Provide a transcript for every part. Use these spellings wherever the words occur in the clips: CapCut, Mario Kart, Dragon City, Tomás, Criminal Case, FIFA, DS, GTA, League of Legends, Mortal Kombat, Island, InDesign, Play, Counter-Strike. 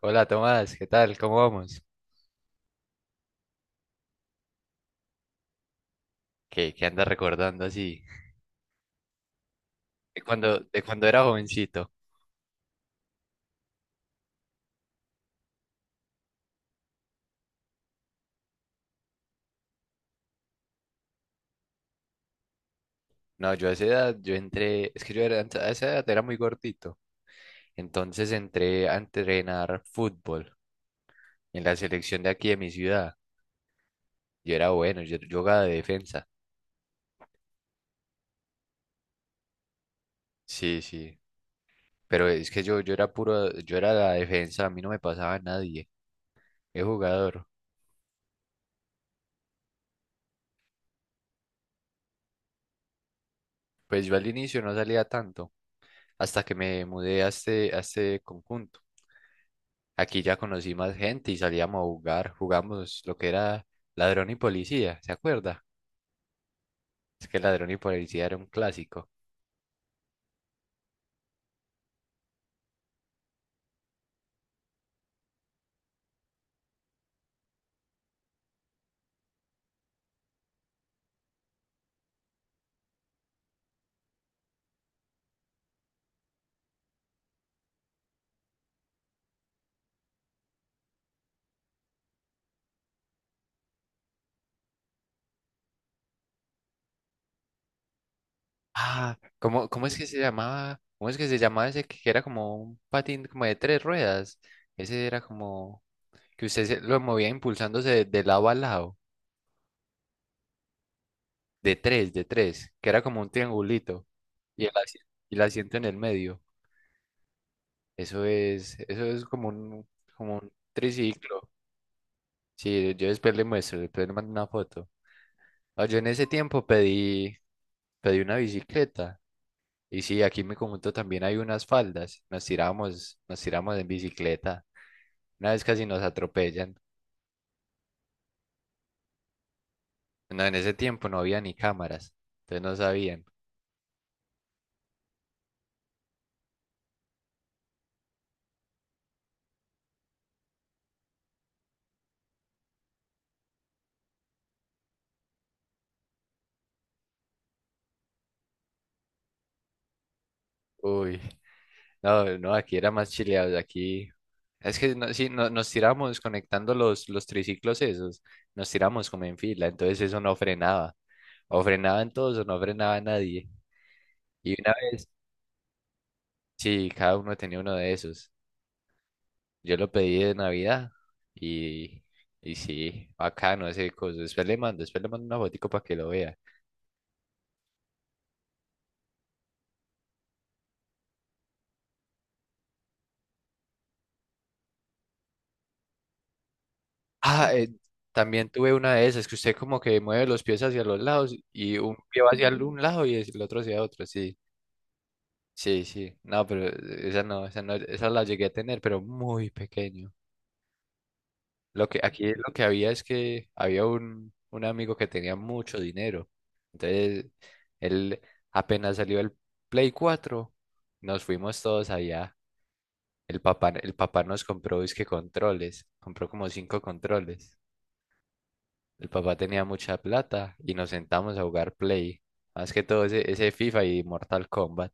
Hola Tomás, ¿qué tal? ¿Cómo vamos? ¿Qué andas recordando así? De cuando era jovencito. No, yo a esa edad, yo entré, es que yo era, a esa edad era muy gordito. Entonces entré a entrenar fútbol en la selección de aquí de mi ciudad. Yo era bueno, yo jugaba de defensa. Sí, sí. Pero es que yo era puro, yo era la defensa, a mí no me pasaba nadie. Es jugador. Pues yo al inicio no salía tanto, hasta que me mudé a este conjunto. Aquí ya conocí más gente y salíamos a jugar. Jugamos lo que era ladrón y policía, ¿se acuerda? Es que ladrón y policía era un clásico. Ah, ¿cómo es que se llamaba? ¿Cómo es que se llamaba ese que era como un patín como de tres ruedas? Ese era como que lo movía impulsándose de lado a lado, de tres, que era como un triangulito y y el asiento en el medio. Eso es como un triciclo. Sí, yo después le muestro, después le mando una foto. Ah, yo en ese tiempo pedí una bicicleta. Y sí, aquí en mi conjunto también hay unas faldas. Nos tiramos en bicicleta. Una vez casi nos atropellan. No, en ese tiempo no había ni cámaras. Entonces no sabían. Uy, no, no, aquí era más chileados. Aquí. Es que no, sí, nos tiramos conectando los triciclos esos. Nos tiramos como en fila. Entonces eso no frenaba. O frenaban todos o no frenaba nadie. Y una vez, sí, cada uno tenía uno de esos. Yo lo pedí de Navidad y, y sí, bacano ese coso. Después le mando una fotico para que lo vea. Ah, también tuve una de esas, que usted como que mueve los pies hacia los lados y un pie va hacia un lado y el otro hacia otro, sí. Sí, sí. No, pero esa no, esa no, esa la llegué a tener, pero muy pequeño. Lo que aquí lo que había es que había un amigo que tenía mucho dinero. Entonces, él apenas salió el Play 4, nos fuimos todos allá. El papá nos compró, que controles, compró como cinco controles. El papá tenía mucha plata y nos sentamos a jugar Play, más que todo ese FIFA y Mortal Kombat.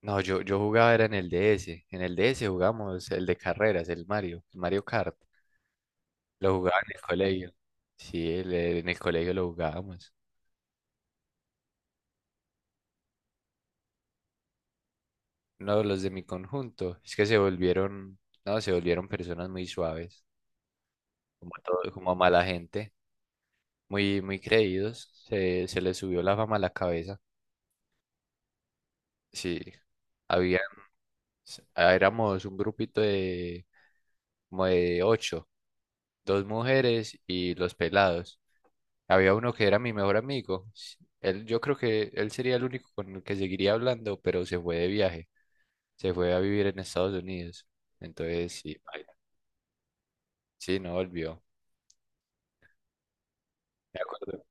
No, yo jugaba era en el DS, en el DS jugamos el de carreras, el Mario Kart. Lo jugaba en el colegio, sí, en el colegio lo jugábamos. No, los de mi conjunto, es que no, se volvieron personas muy suaves, como todo, como mala gente. Muy, muy creídos. Se les subió la fama a la cabeza. Sí, había, éramos un grupito de como de ocho, dos mujeres y los pelados. Había uno que era mi mejor amigo. Él, yo creo que él sería el único con el que seguiría hablando, pero se fue de viaje. Se fue a vivir en Estados Unidos. Entonces, sí, baila. Sí, no volvió. Me acuerdo.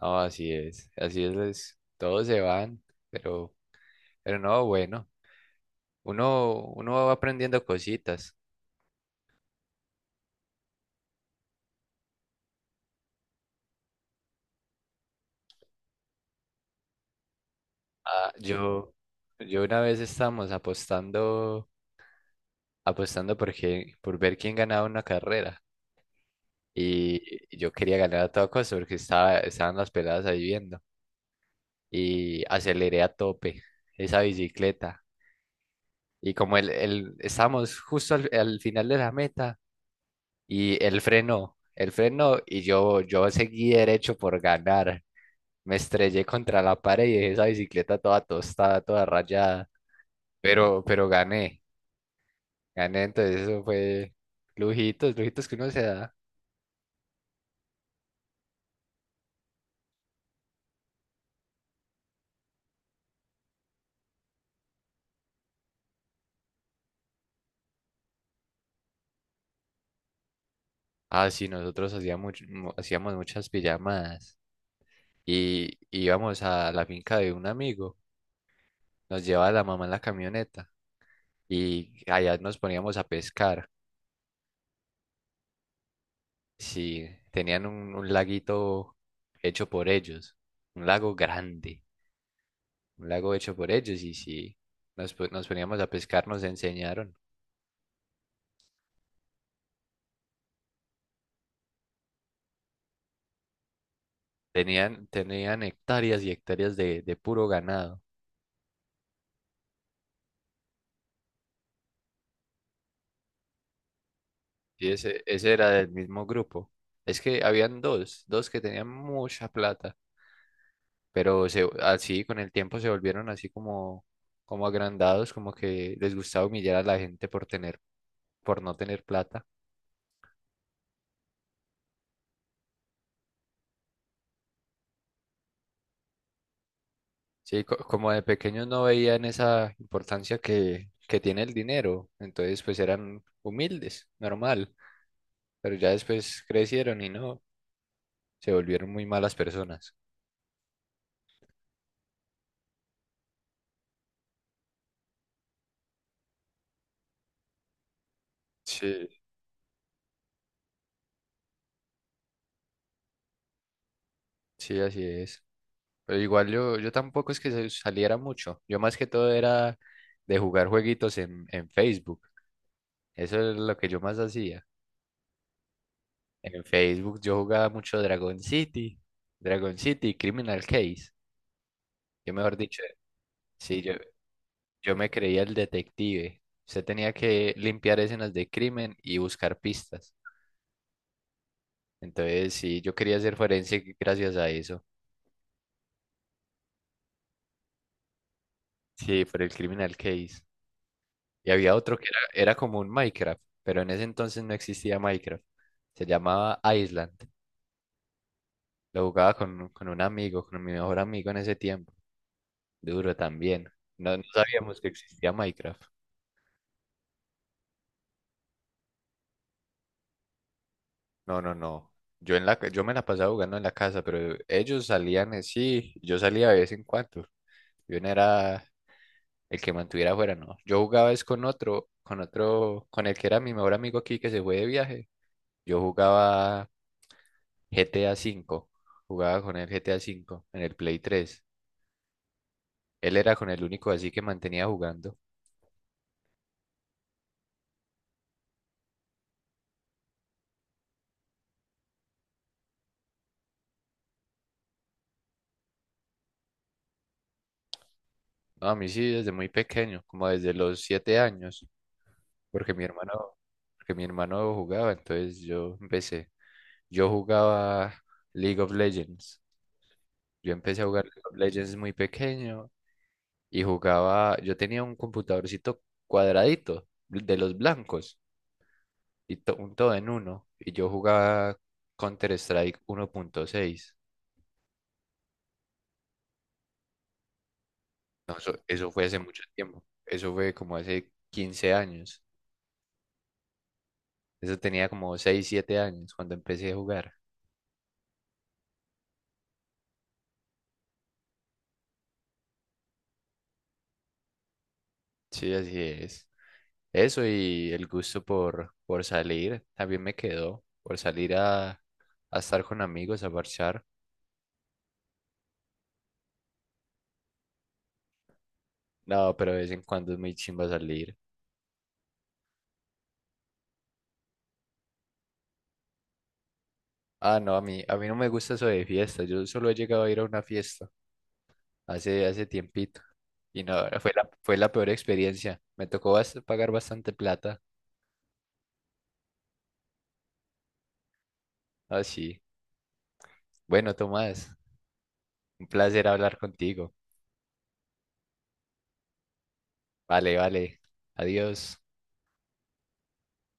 No, todos se van, pero, pero no, bueno, uno va aprendiendo cositas. Ah, yo una vez estábamos apostando por ver quién ganaba una carrera. Y yo quería ganar a toda costa porque estaban las peladas ahí viendo. Y aceleré a tope esa bicicleta. Y como estábamos justo al final de la meta, y él frenó y yo seguí derecho por ganar. Me estrellé contra la pared y dejé esa bicicleta toda tostada, toda rayada. Pero gané. Gané, entonces eso fue lujitos, lujitos que uno se da. Ah, sí, nosotros hacíamos muchas pijamadas y íbamos a la finca de un amigo, nos llevaba la mamá en la camioneta y allá nos poníamos a pescar. Sí, tenían un laguito hecho por ellos, un lago grande, un lago hecho por ellos y sí, nos poníamos a pescar, nos enseñaron. Tenían hectáreas y hectáreas de puro ganado. Y ese era del mismo grupo. Es que habían dos que tenían mucha plata, pero así con el tiempo se volvieron así como agrandados, como que les gustaba humillar a la gente por no tener plata. Sí, como de pequeños no veían esa importancia que tiene el dinero, entonces pues eran humildes, normal, pero ya después crecieron y no, se volvieron muy malas personas. Sí, sí, así es. Pero igual yo tampoco es que saliera mucho. Yo más que todo era de jugar jueguitos en Facebook. Eso es lo que yo más hacía. En Facebook yo jugaba mucho Dragon City, Criminal Case. Yo mejor dicho, sí, yo me creía el detective. Usted tenía que limpiar escenas de crimen y buscar pistas. Entonces, sí, yo quería ser forense gracias a eso. Sí, por el Criminal Case. Y había otro que era como un Minecraft, pero en ese entonces no existía Minecraft. Se llamaba Island. Lo jugaba con un amigo, con mi mejor amigo en ese tiempo. Duro también. No, no sabíamos que existía Minecraft. No, no, no. Yo, yo me la pasaba jugando en la casa, pero ellos salían, sí, yo salía de vez en cuando. Yo no era el que mantuviera afuera, no. Yo jugaba es con otro, con el que era mi mejor amigo aquí que se fue de viaje. Yo jugaba GTA 5. Jugaba con el GTA 5 en el Play 3. Él era con el único así que mantenía jugando. No, a mí sí, desde muy pequeño, como desde los 7 años, porque mi hermano, porque mi hermano jugaba, entonces yo empecé. Yo jugaba League of Legends. Yo empecé a jugar League of Legends muy pequeño y jugaba, yo tenía un computadorcito cuadradito de los blancos y un todo en uno y yo jugaba Counter-Strike 1.6. No, eso fue hace mucho tiempo. Eso fue como hace 15 años. Eso tenía como 6 7 años cuando empecé a jugar. Sí, así es. Eso y el gusto por salir también me quedó. Por salir a estar con amigos, a marchar. No, pero de vez en cuando es muy chimba salir. Ah, no, a mí no me gusta eso de fiesta. Yo solo he llegado a ir a una fiesta hace tiempito. Y no, fue la peor experiencia. Me tocó pagar bastante plata. Ah, sí. Bueno, Tomás. Un placer hablar contigo. Vale, vale. Adiós.